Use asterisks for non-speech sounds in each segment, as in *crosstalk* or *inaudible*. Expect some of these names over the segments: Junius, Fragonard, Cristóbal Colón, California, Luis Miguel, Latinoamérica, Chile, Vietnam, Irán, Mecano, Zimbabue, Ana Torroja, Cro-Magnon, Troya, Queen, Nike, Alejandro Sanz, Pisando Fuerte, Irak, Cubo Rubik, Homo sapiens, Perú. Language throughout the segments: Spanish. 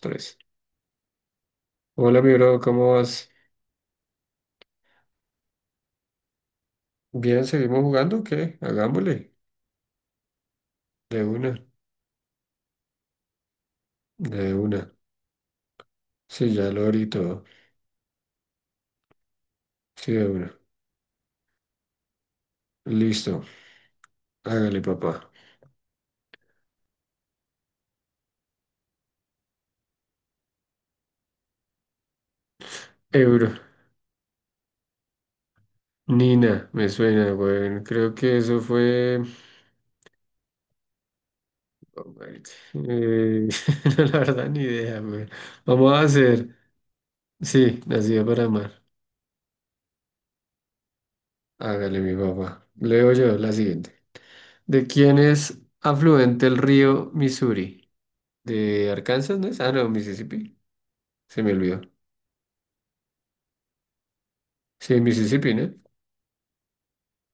Tres. Hola, mi bro, ¿cómo vas? Bien, ¿seguimos jugando? ¿O qué? Hagámosle. De una, de una. Sí, ya lo abrí todo. Sí, de una. Listo. Hágale, papá. Euro. Nina, me suena, güey. Creo que eso fue. Oh, marica. *laughs* No, la verdad, ni idea, güey. Vamos a hacer. Sí, nacida para amar. Hágale, mi papá. Leo yo la siguiente. ¿De quién es afluente el río Missouri? ¿De Arkansas, no es? Ah, no, Mississippi. Se me olvidó. Sí, Mississippi, ¿no?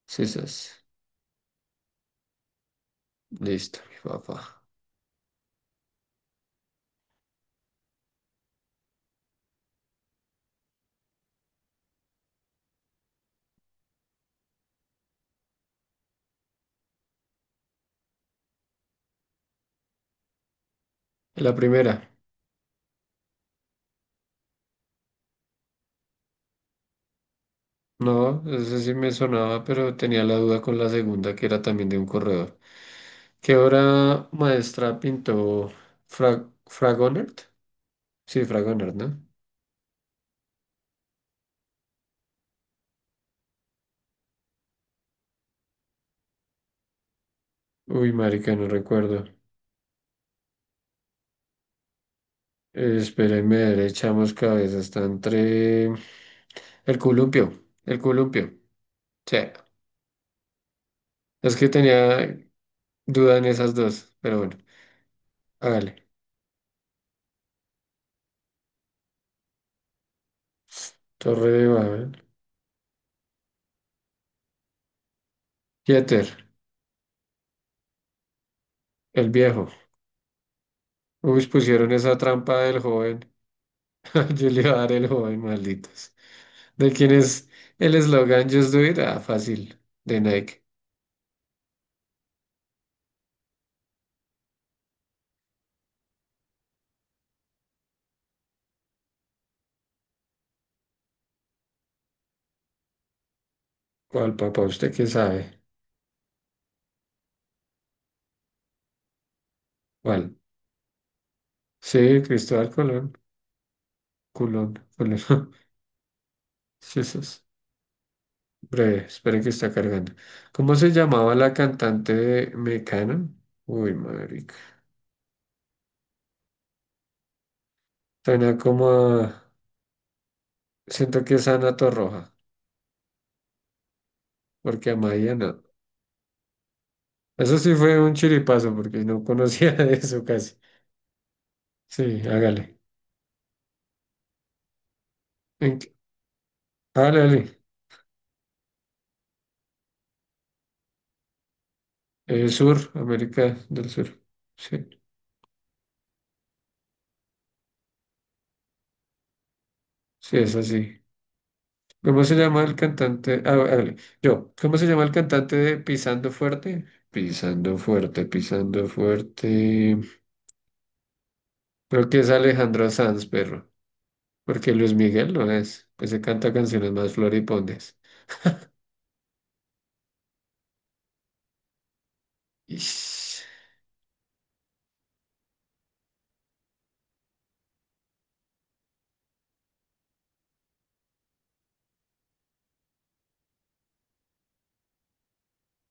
Sisas. Listo, mi papá. La primera. No, esa sí me sonaba, pero tenía la duda con la segunda, que era también de un corredor. ¿Qué obra maestra pintó Fragonard? Sí, Fragonard, ¿no? Uy, marica, no recuerdo. Espérenme, a ver, echamos cabeza. Está entre... El columpio. El columpio. Sí. Es que tenía duda en esas dos, pero bueno. Hágale. Torre de Babel. Jeter. El viejo. Uy, pusieron esa trampa del joven. *laughs* Yo le iba a dar el joven, malditos. ¿De quién es el eslogan Just Do It? Ah, fácil. De Nike. ¿Cuál, papá? ¿Usted qué sabe? ¿Cuál? Sí, Cristóbal Colón. Culón, Colón. *laughs* Jesús. Breve, esperen que está cargando. ¿Cómo se llamaba la cantante de Mecano? Uy, marica. Suena como a- Siento que es Ana Torroja, porque a María no. Eso sí fue un chiripazo, porque no conocía *laughs* de eso casi. Sí, hágale. ¿En qué- Hágale, hágale. Sur, América del Sur. Sí, sí, es así. ¿Cómo se llama el cantante? Ah, hágale. Yo, ¿cómo se llama el cantante de Pisando Fuerte? Pisando Fuerte, Pisando Fuerte. Creo que es Alejandro Sanz, perro. Porque Luis Miguel no es. Ese canta canciones más floripondias. Ish.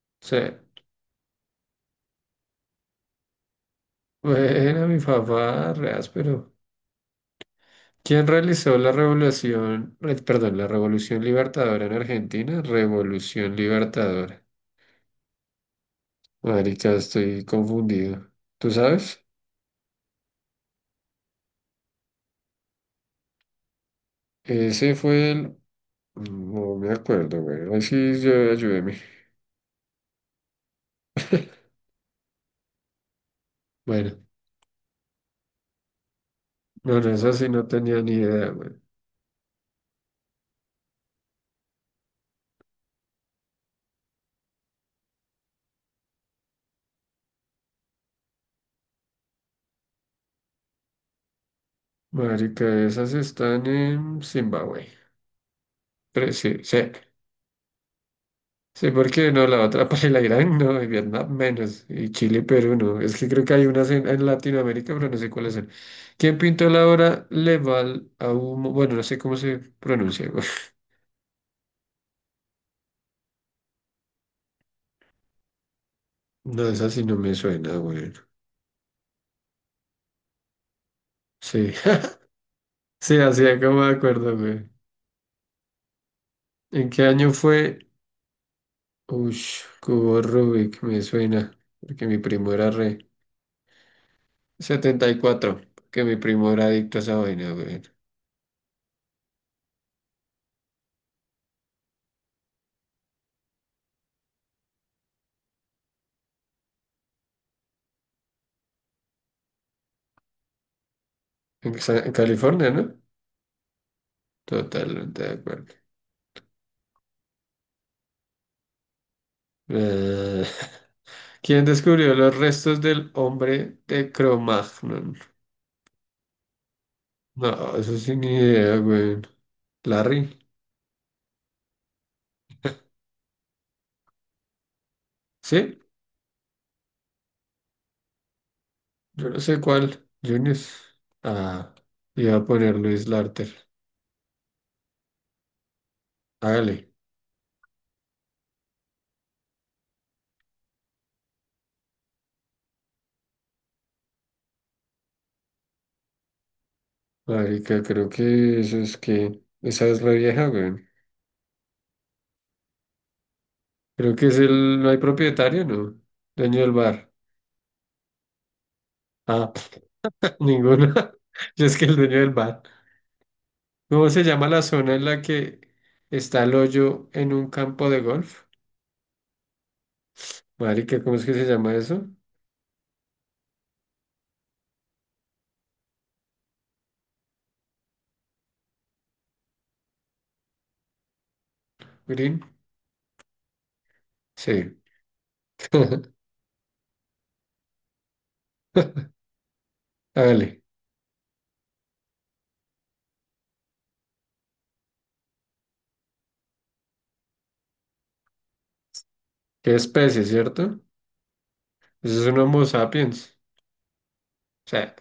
O sea, bueno, mi papá, reas, pero. ¿Quién realizó la revolución, perdón, la revolución libertadora en Argentina? Revolución libertadora. Marica, estoy confundido. ¿Tú sabes? Ese fue el... No me acuerdo, güey. Ay, sí, yo, ayúdeme. Bueno, bueno, esa sí no tenía ni idea, güey. Marica, esas están en Zimbabue. Pero sí, sí. Sí, porque no, la otra *laughs* para Irán no, y Vietnam menos, y Chile, y Perú no. Es que creo que hay unas en Latinoamérica, pero no sé cuáles son. ¿Quién pintó la obra Leval a humo? Bueno, no sé cómo se pronuncia, güey. No, esa sí no me suena, güey. Sí, *laughs* sí, así es como me acuerdo, güey. ¿En qué año fue? Ush, Cubo Rubik, me suena, porque mi primo era re. 74, porque mi primo era adicto a esa vaina, güey. En California, ¿no? Totalmente de acuerdo. Eh, *laughs* ¿quién descubrió los restos del hombre de Cro-Magnon? No, eso sí ni idea, güey. ¿Larry? ¿Sí? Yo no sé cuál. Junius. Ah, iba a poner Luis Larter. Hágale. Marica, creo que eso es que... Esa es la vieja, güey. Creo que es el... No hay propietario, ¿no? Dueño del bar. Ah, *laughs* ninguno. *laughs* Yo es que el dueño del bar. ¿Cómo se llama la zona en la que está el hoyo en un campo de golf? Marica, ¿cómo es que se llama eso? Green. Sí. *laughs* Hágale. ¿Qué especie, cierto? Eso es un Homo sapiens. O sea,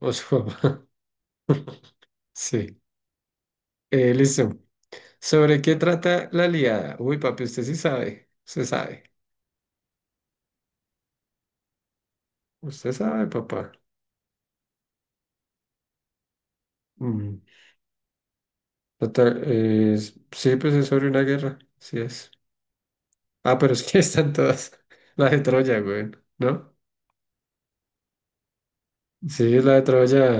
os- *laughs* sí. Listo. ¿Sobre qué trata la liada? Uy, papi, usted sí sabe. Usted sabe. Usted sabe, papá. Mm. Sí, pues es sobre una guerra. Sí es. Ah, pero es que *laughs* están todas. La de Troya, güey. ¿No? Sí, la de Troya.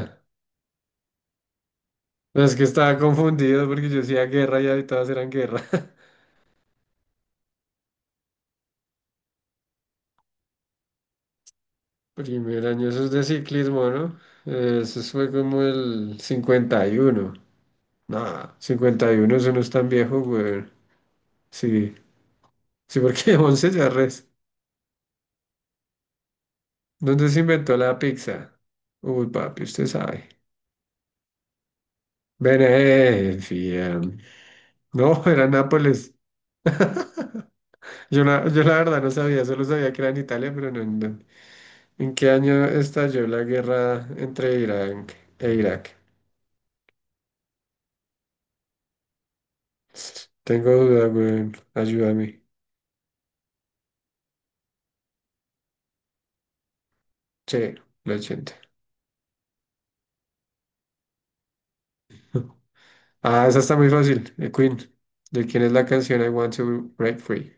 No, es que estaba confundido porque yo decía guerra y ahí todas eran guerra. Primer año, eso es de ciclismo, ¿no? Eso fue como el 51. Nah, 51, eso no es tan viejo, güey. Sí, sí, porque *laughs* 11 ya res. ¿Dónde se inventó la pizza? Uy, papi, usted sabe. Venecia. No, era Nápoles. *laughs* Yo la verdad no sabía, solo sabía que era en Italia, pero no. No. ¿En qué año estalló la guerra entre Irán e Irak? Tengo duda, güey. Ayúdame. Sí, los 80. Ah, esa está muy fácil, de Queen. ¿De quién es la canción I Want to Break Free?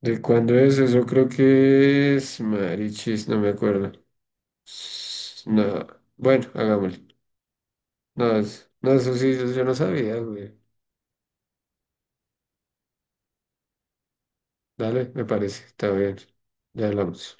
¿De cuándo es eso? Creo que es Marichis, no me acuerdo. No, bueno, hagámosle. No, no, eso sí, eso yo no sabía, güey. Dale, me parece, está bien. Ya hablamos.